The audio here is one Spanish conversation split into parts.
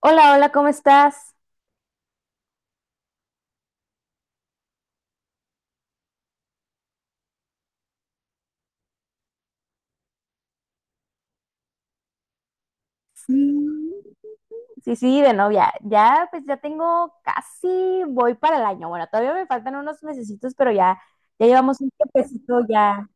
Hola, hola, ¿cómo estás? Sí. Sí, sí, de novia. Ya, pues ya tengo casi, voy para el año. Bueno, todavía me faltan unos mesecitos, pero ya, ya llevamos un tiempecito ya.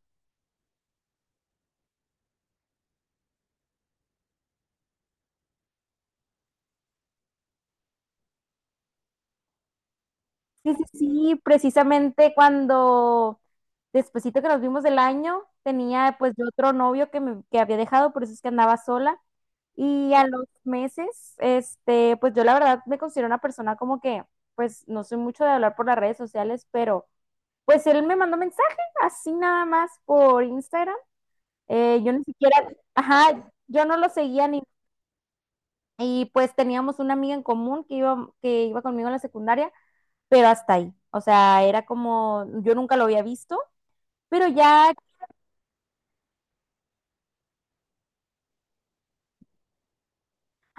Sí, sí, sí, precisamente cuando, despuesito que nos vimos del año, tenía pues yo otro novio que había dejado, por eso es que andaba sola. Y a los meses, pues yo la verdad me considero una persona como que, pues no soy mucho de hablar por las redes sociales, pero pues él me mandó mensaje, así nada más por Instagram. Yo ni siquiera, ajá, yo no lo seguía ni, y pues teníamos una amiga en común que iba conmigo en la secundaria, pero hasta ahí. O sea, era como, yo nunca lo había visto, pero ya,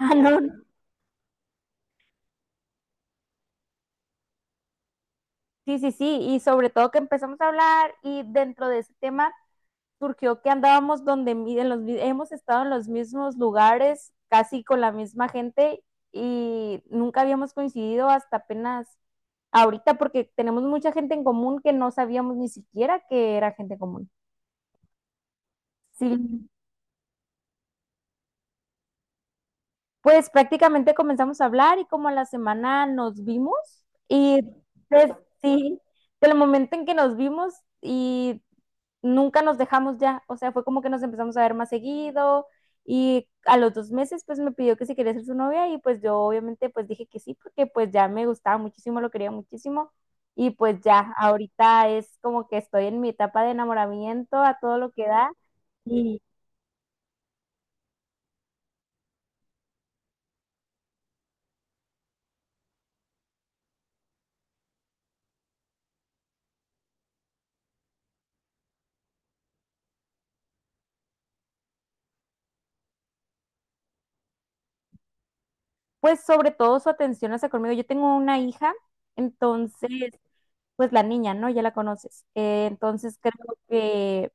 ah, no, sí, sí, sí, y sobre todo que empezamos a hablar y dentro de ese tema surgió que andábamos donde mi- en los, mi- hemos estado en los mismos lugares, casi con la misma gente y nunca habíamos coincidido hasta apenas ahorita porque tenemos mucha gente en común que no sabíamos ni siquiera que era gente común. Sí, pues prácticamente comenzamos a hablar y como a la semana nos vimos y sí, del momento en que nos vimos y nunca nos dejamos ya, o sea, fue como que nos empezamos a ver más seguido y a los 2 meses pues me pidió que si quería ser su novia y pues yo obviamente pues dije que sí porque pues ya me gustaba muchísimo, lo quería muchísimo y pues ya, ahorita es como que estoy en mi etapa de enamoramiento a todo lo que da y pues sobre todo su atención hacia conmigo. Yo tengo una hija, entonces pues la niña, ¿no? Ya la conoces. Entonces creo que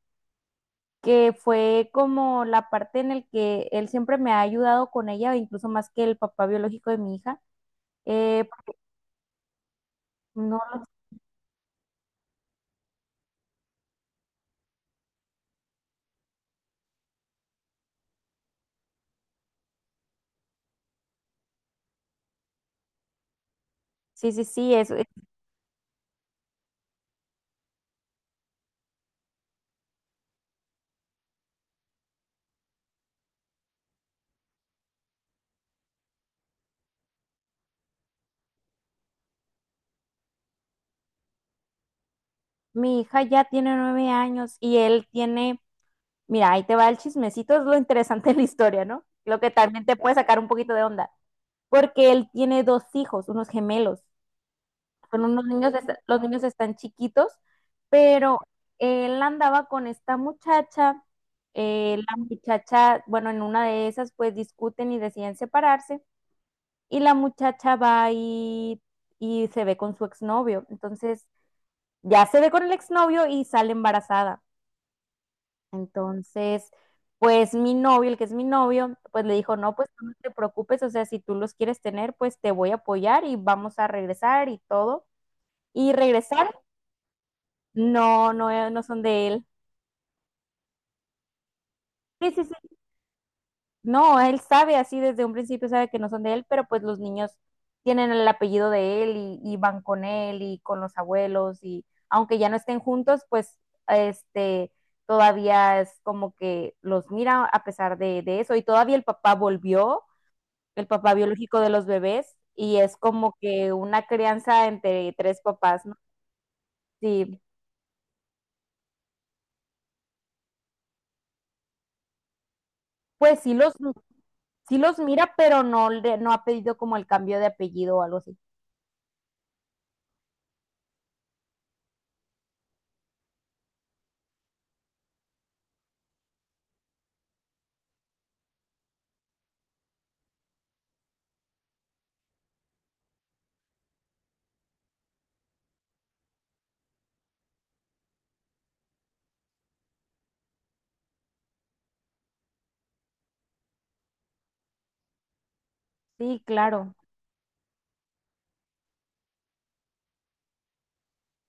fue como la parte en la que él siempre me ha ayudado con ella, incluso más que el papá biológico de mi hija. Eh, no, sí, sí, sí, mi hija ya tiene 9 años y él tiene, mira, ahí te va el chismecito, es lo interesante de la historia, ¿no? Lo que también te puede sacar un poquito de onda, porque él tiene dos hijos, unos gemelos. Con unos niños, los niños están chiquitos, pero él andaba con esta muchacha, la muchacha, bueno, en una de esas pues discuten y deciden separarse y la muchacha va y se ve con su exnovio, entonces ya se ve con el exnovio y sale embarazada, entonces... Pues mi novio, el que es mi novio, pues le dijo, no, pues tú no te preocupes, o sea, si tú los quieres tener, pues te voy a apoyar y vamos a regresar y todo. Y regresaron. No, no, no son de él. Sí, sí, sí. No, él sabe así desde un principio, sabe que no son de él, pero pues los niños tienen el apellido de él y van con él y con los abuelos y aunque ya no estén juntos, pues este todavía es como que los mira a pesar de eso y todavía el papá volvió, el papá biológico de los bebés y es como que una crianza entre tres papás, ¿no? Sí, pues sí los mira, pero no, no ha pedido como el cambio de apellido o algo así. Sí, claro,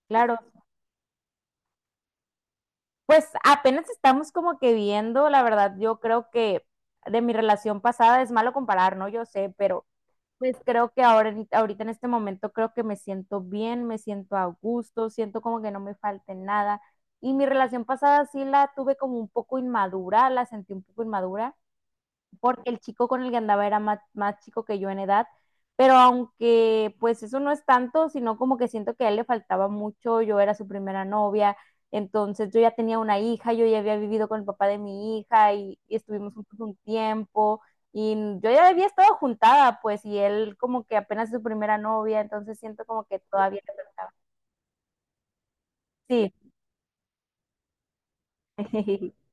claro. Pues apenas estamos como que viendo, la verdad, yo creo que de mi relación pasada es malo comparar, ¿no? Yo sé, pero pues creo que ahora, ahorita en este momento creo que me siento bien, me siento a gusto, siento como que no me falte nada. Y mi relación pasada sí la tuve como un poco inmadura, la sentí un poco inmadura. Porque el chico con el que andaba era más chico que yo en edad, pero aunque pues eso no es tanto, sino como que siento que a él le faltaba mucho, yo era su primera novia, entonces yo ya tenía una hija, yo ya había vivido con el papá de mi hija y estuvimos juntos un tiempo y yo ya había estado juntada, pues, y él como que apenas es su primera novia, entonces siento como que todavía le faltaba. Sí.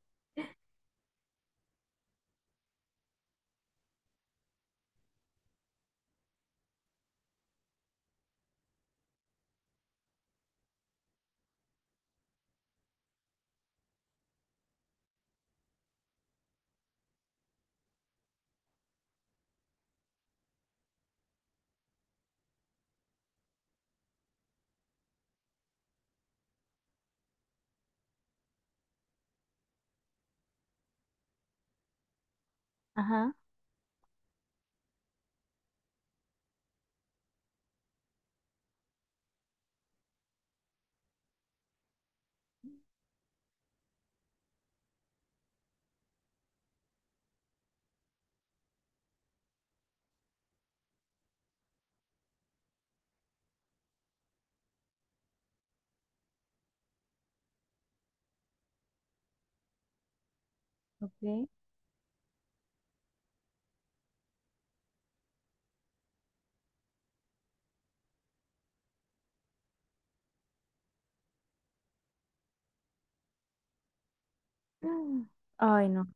Ajá, ok. Ay, no.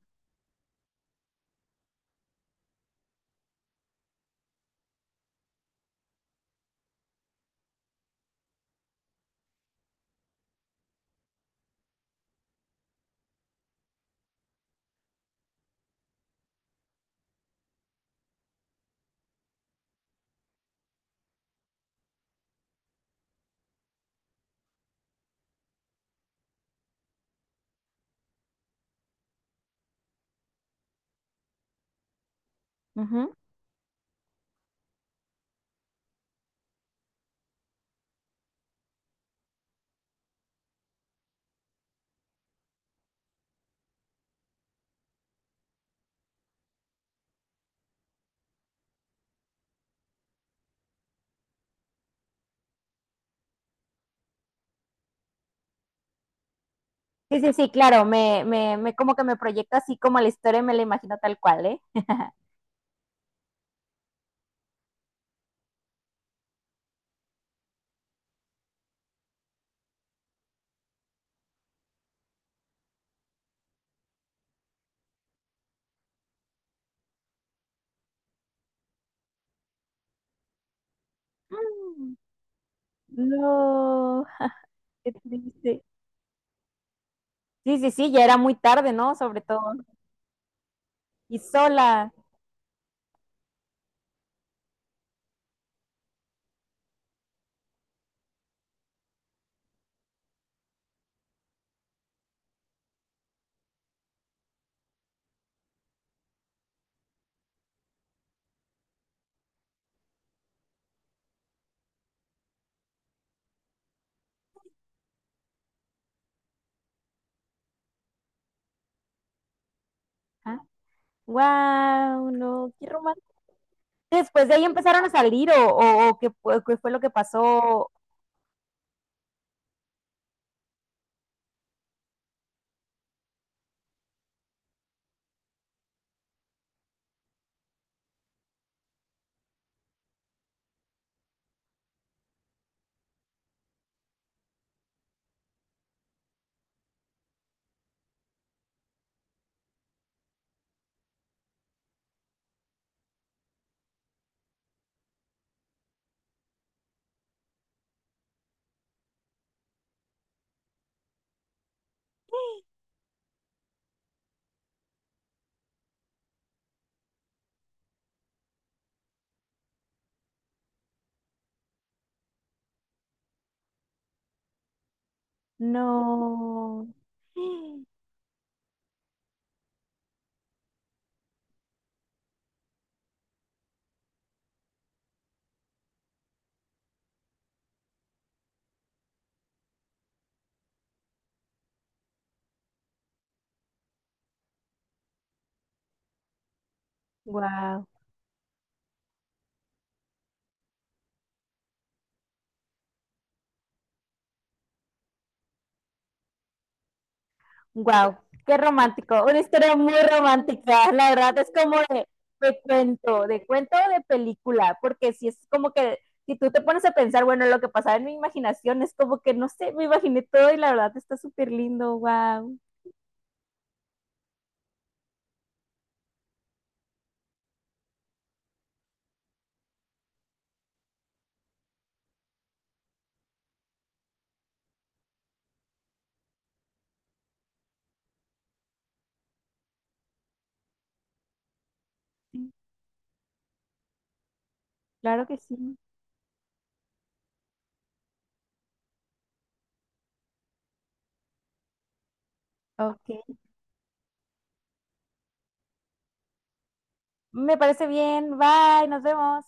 Ujú. Sí, sí, sí, claro, me como que me proyecto así como la historia me la imagino tal cual, ¿eh? No, qué triste. Sí, sí, sí, ya era muy tarde, ¿no? Sobre todo. Y sola. Wow, no, qué romántico. Después de ahí empezaron a salir o qué, fue lo que pasó. No. Wow. Wow, qué romántico, una historia muy romántica, la verdad es como de, cuento, de cuento o de película, porque si es como que, si tú te pones a pensar, bueno, lo que pasaba en mi imaginación es como que, no sé, me imaginé todo y la verdad está súper lindo, wow, claro que sí, ok, me parece bien, bye, nos vemos.